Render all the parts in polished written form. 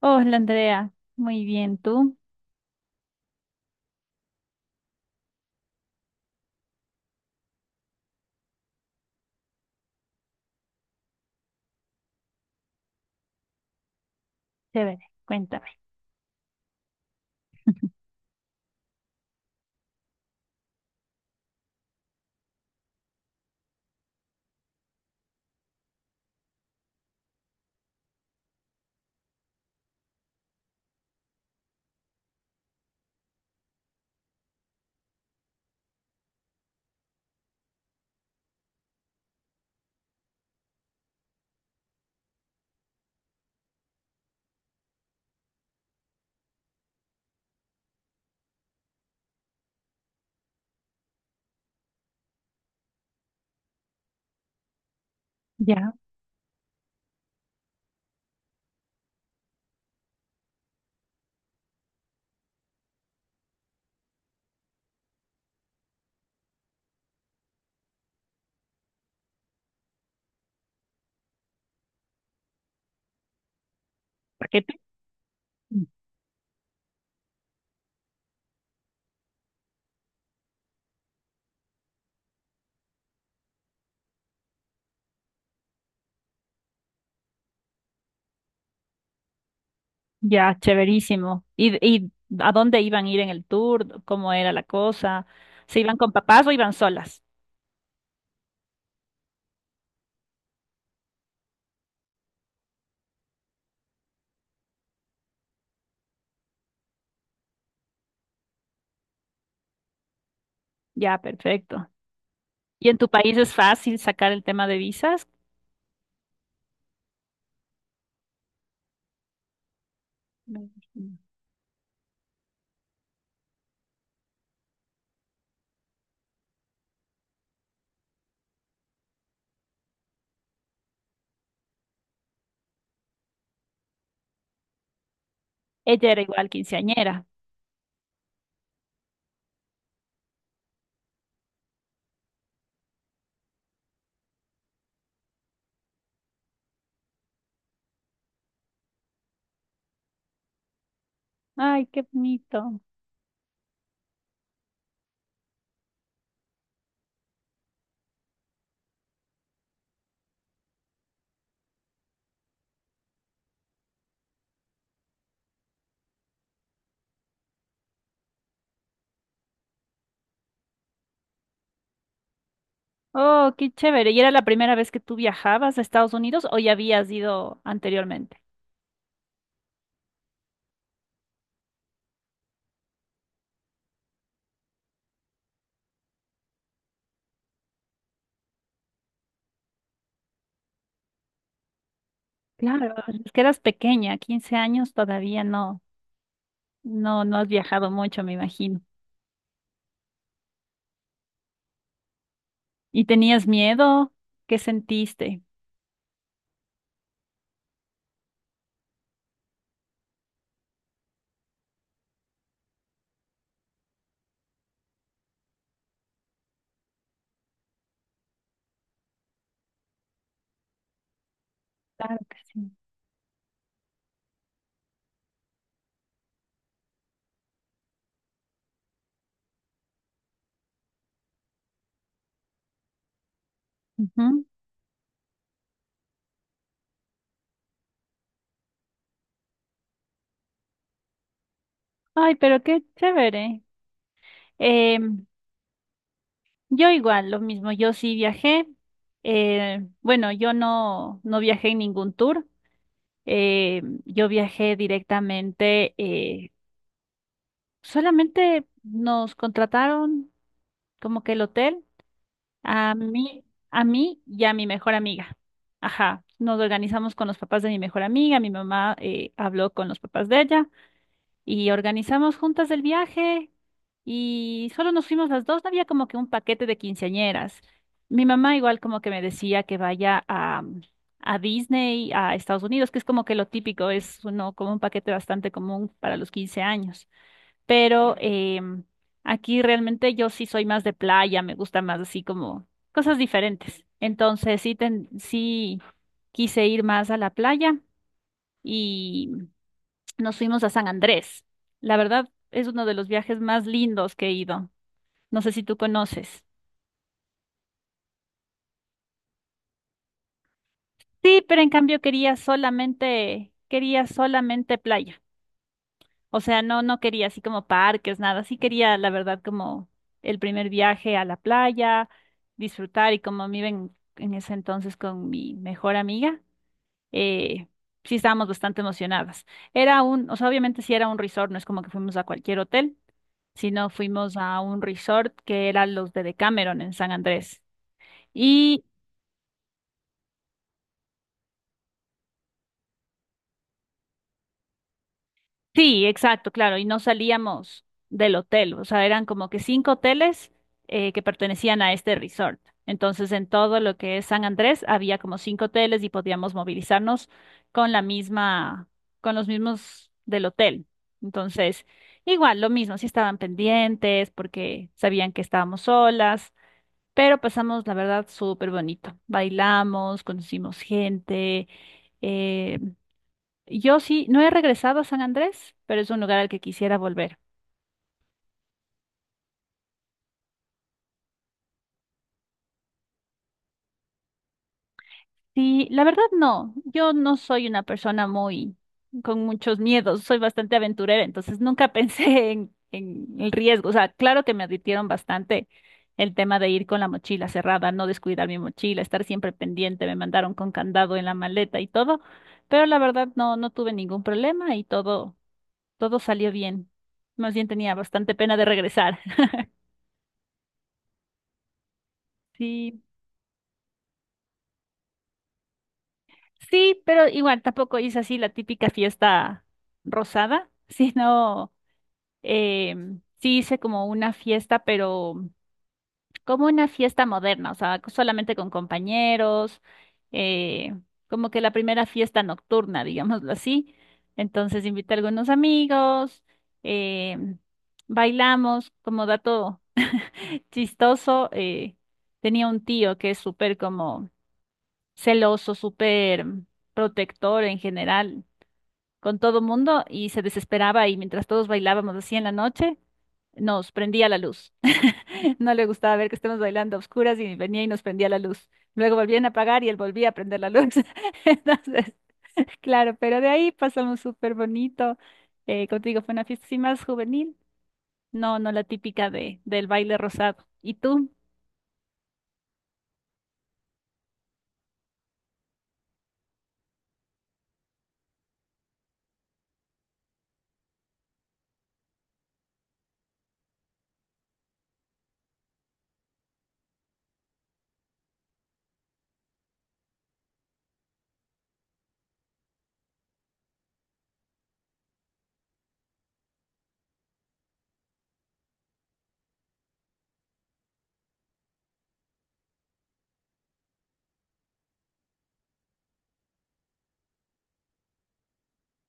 Hola, Andrea, muy bien, ¿tú? Chévere, cuéntame. Ya, paquete. Mm. Ya, chéverísimo. ¿Y a dónde iban a ir en el tour? ¿Cómo era la cosa? ¿Se iban con papás o iban solas? Ya, perfecto. ¿Y en tu país es fácil sacar el tema de visas? Me imagino. Ella era igual quinceañera. Ay, qué bonito. Oh, qué chévere. ¿Y era la primera vez que tú viajabas a Estados Unidos o ya habías ido anteriormente? Claro, es que eras pequeña, 15 años todavía no. No, no has viajado mucho, me imagino. ¿Y tenías miedo? ¿Qué sentiste? Claro que sí. Ujú. Ay, pero qué chévere. Eh, yo igual, lo mismo, yo sí viajé. Bueno, yo no viajé en ningún tour. Yo viajé directamente, solamente nos contrataron como que el hotel. A mí, a mí y a mi mejor amiga. Ajá, nos organizamos con los papás de mi mejor amiga, mi mamá habló con los papás de ella y organizamos juntas el viaje y solo nos fuimos las dos, no había como que un paquete de quinceañeras. Mi mamá igual como que me decía que vaya a Disney, a Estados Unidos, que es como que lo típico, es uno como un paquete bastante común para los 15 años, pero aquí realmente yo sí soy más de playa, me gusta más así como cosas diferentes. Entonces sí, sí quise ir más a la playa y nos fuimos a San Andrés. La verdad es uno de los viajes más lindos que he ido. No sé si tú conoces. Sí, pero en cambio quería solamente playa. O sea, no quería así como parques, nada. Sí quería, la verdad, como el primer viaje a la playa, disfrutar y como me iba en ese entonces con mi mejor amiga, eh, sí estábamos bastante emocionadas. O sea, obviamente sí era un resort, no es como que fuimos a cualquier hotel, sino fuimos a un resort que era los de Decameron en San Andrés. Y Sí, exacto, claro, y no salíamos del hotel, o sea, eran como que cinco hoteles que pertenecían a este resort. Entonces, en todo lo que es San Andrés había como cinco hoteles y podíamos movilizarnos con la misma, con los mismos del hotel. Entonces, igual, lo mismo, sí estaban pendientes porque sabían que estábamos solas, pero pasamos, la verdad, súper bonito. Bailamos, conocimos gente. eh, yo sí, no he regresado a San Andrés, pero es un lugar al que quisiera volver. Sí, la verdad no, yo no soy una persona muy con muchos miedos, soy bastante aventurera, entonces nunca pensé en el riesgo. O sea, claro que me advirtieron bastante el tema de ir con la mochila cerrada, no descuidar mi mochila, estar siempre pendiente, me mandaron con candado en la maleta y todo, pero la verdad no tuve ningún problema y todo salió bien. Más bien tenía bastante pena de regresar. Sí. Sí, pero igual tampoco hice así la típica fiesta rosada, sino sí hice como una fiesta, pero como una fiesta moderna, o sea, solamente con compañeros, eh, como que la primera fiesta nocturna, digámoslo así. Entonces invité a algunos amigos, em, bailamos, como dato chistoso, tenía un tío que es súper como celoso, súper protector en general con todo mundo y se desesperaba y mientras todos bailábamos así en la noche, nos prendía la luz. No le gustaba ver que estemos bailando a oscuras y venía y nos prendía la luz. Luego volvían a apagar y él volvía a prender la luz. Entonces, claro, pero de ahí pasamos súper bonito. Contigo fue una fiesta así más juvenil, no la típica del baile rosado. ¿Y tú?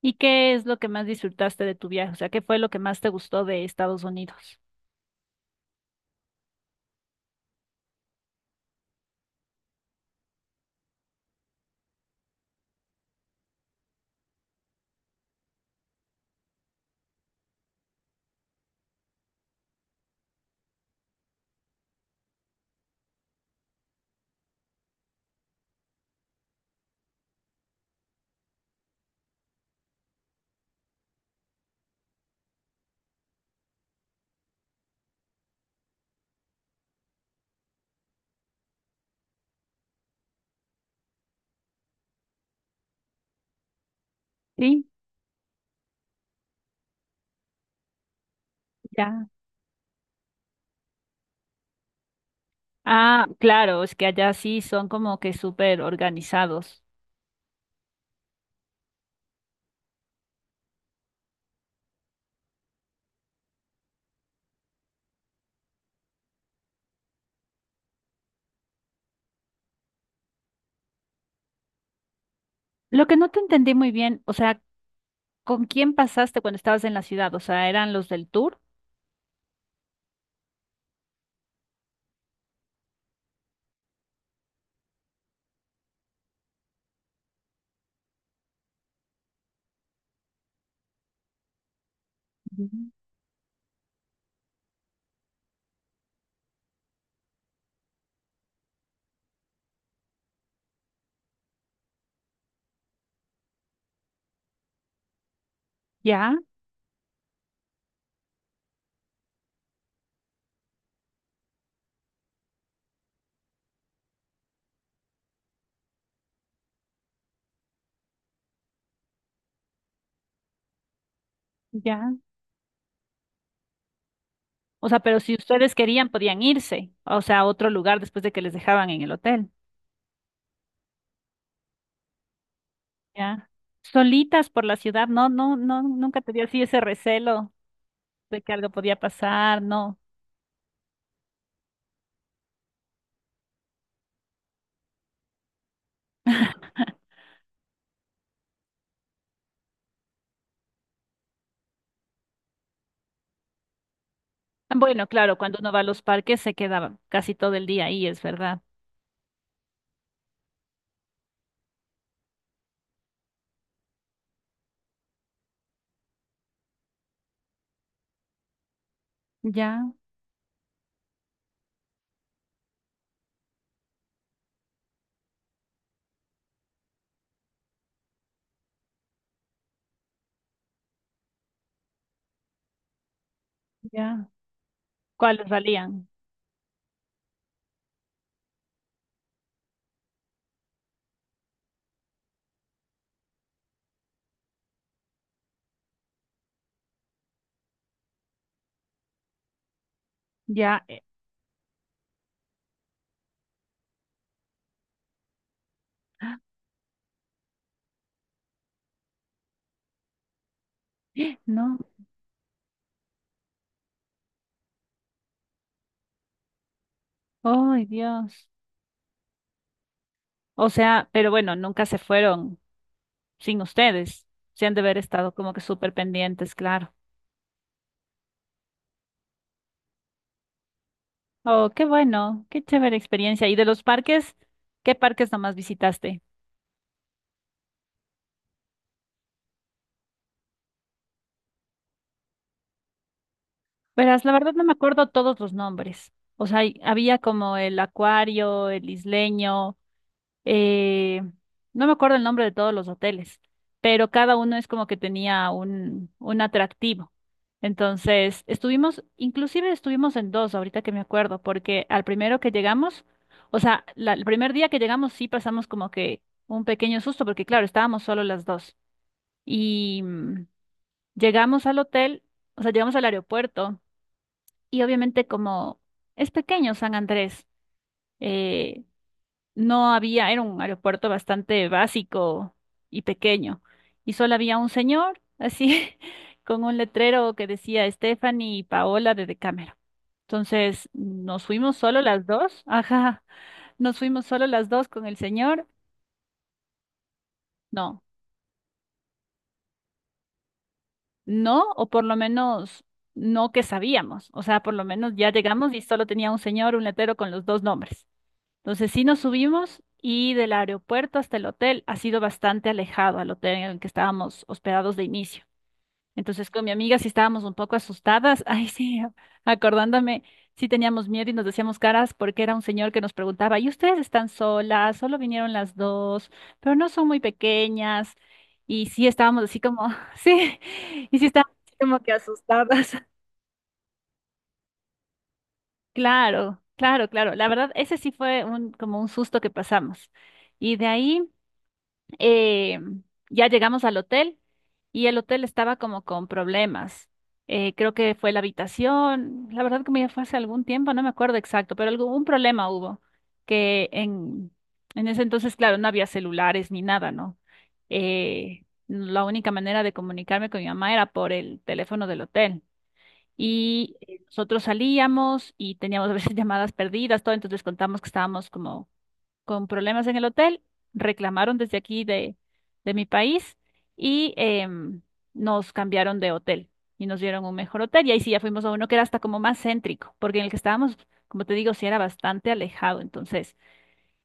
¿Y qué es lo que más disfrutaste de tu viaje? O sea, ¿qué fue lo que más te gustó de Estados Unidos? Sí, ya. Ah, claro, es que allá sí son como que súper organizados. Lo que no te entendí muy bien, o sea, ¿con quién pasaste cuando estabas en la ciudad? O sea, ¿eran los del tour? Ujú. Ya, ya. O sea, pero si ustedes querían, podían irse, o sea, a otro lugar después de que les dejaban en el hotel. Ya. Solitas por la ciudad, no, no, no, nunca te dio así ese recelo de que algo podía pasar, no. Bueno, claro, cuando uno va a los parques se queda casi todo el día ahí, es verdad. Ya, ya. ¿Cuáles valían? Ya, ah, no, ay Dios. O sea, pero bueno, nunca se fueron sin ustedes. Se han de haber estado como que súper pendientes, claro. Oh, qué bueno, qué chévere experiencia. ¿Y de los parques? ¿Qué parques nomás visitaste? Verás, la verdad no me acuerdo todos los nombres. O sea, había como el acuario, el isleño. eh, no me acuerdo el nombre de todos los hoteles, pero cada uno es como que tenía un atractivo. Entonces, estuvimos, inclusive estuvimos en dos, ahorita que me acuerdo, porque al primero que llegamos, o sea, el primer día que llegamos sí pasamos como que un pequeño susto, porque claro, estábamos solo las dos. Y llegamos al hotel, o sea, llegamos al aeropuerto y obviamente como es pequeño San Andrés. eh, no había, era un aeropuerto bastante básico y pequeño, y solo había un señor, así, con un letrero que decía Stephanie y Paola de Decámero. Entonces, nos fuimos solo las dos, ajá, nos fuimos solo las dos con el señor, no, no, o por lo menos no que sabíamos, o sea, por lo menos ya llegamos y solo tenía un señor, un letrero con los dos nombres. Entonces sí nos subimos y del aeropuerto hasta el hotel ha sido bastante alejado al hotel en el que estábamos hospedados de inicio. Entonces con mi amiga sí estábamos un poco asustadas. Ay, sí, acordándome, sí teníamos miedo y nos decíamos caras porque era un señor que nos preguntaba, ¿y ustedes están solas? Solo vinieron las dos, pero no son muy pequeñas. Y sí estábamos así como, sí, y sí estábamos así como que asustadas. Claro, claro, claro. La verdad, ese sí fue como un susto que pasamos. Y de ahí... eh, ya llegamos al hotel y el hotel estaba como con problemas. Creo que fue la habitación, la verdad como ya fue hace algún tiempo, no me acuerdo exacto, pero algún un problema hubo, que en ese entonces, claro, no había celulares ni nada, ¿no? La única manera de comunicarme con mi mamá era por el teléfono del hotel. Y nosotros salíamos y teníamos a veces llamadas perdidas, todo, entonces les contamos que estábamos como con problemas en el hotel, reclamaron desde aquí de mi país y nos cambiaron de hotel y nos dieron un mejor hotel. Y ahí sí ya fuimos a uno que era hasta como más céntrico, porque en el que estábamos, como te digo, sí era bastante alejado. Entonces,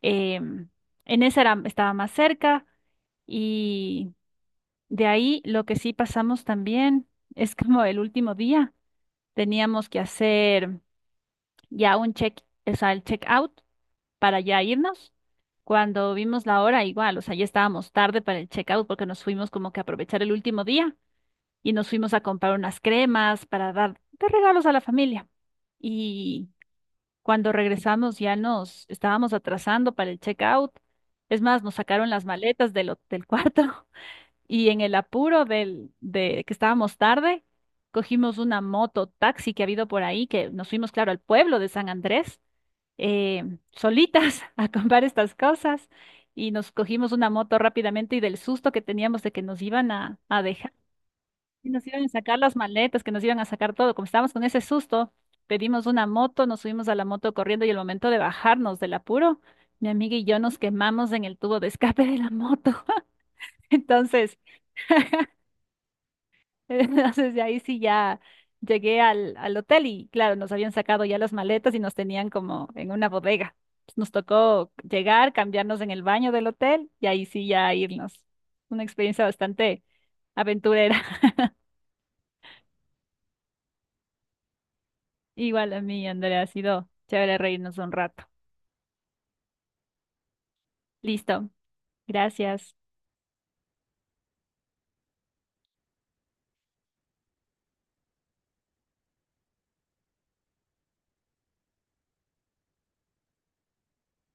em, en ese era, estaba más cerca y de ahí lo que sí pasamos también es como el último día teníamos que hacer ya un check, o sea, el check out para ya irnos. Cuando vimos la hora, igual, o sea, ya estábamos tarde para el checkout porque nos fuimos como que a aprovechar el último día y nos fuimos a comprar unas cremas para dar de regalos a la familia. Y cuando regresamos ya nos estábamos atrasando para el checkout. Es más, nos sacaron las maletas del cuarto y en el apuro de que estábamos tarde, cogimos una moto taxi que ha habido por ahí, que nos fuimos, claro, al pueblo de San Andrés eh, solitas a comprar estas cosas y nos cogimos una moto rápidamente y del susto que teníamos de que nos iban a dejar, que nos iban a sacar las maletas, que nos iban a sacar todo, como estábamos con ese susto, pedimos una moto, nos subimos a la moto corriendo y el momento de bajarnos del apuro, mi amiga y yo nos quemamos en el tubo de escape de la moto. Entonces, entonces, de ahí sí ya llegué al hotel y claro, nos habían sacado ya las maletas y nos tenían como en una bodega. Nos tocó llegar, cambiarnos en el baño del hotel y ahí sí ya irnos. Una experiencia bastante aventurera. Igual a mí, Andrea, ha sido chévere reírnos un rato. Listo. Gracias.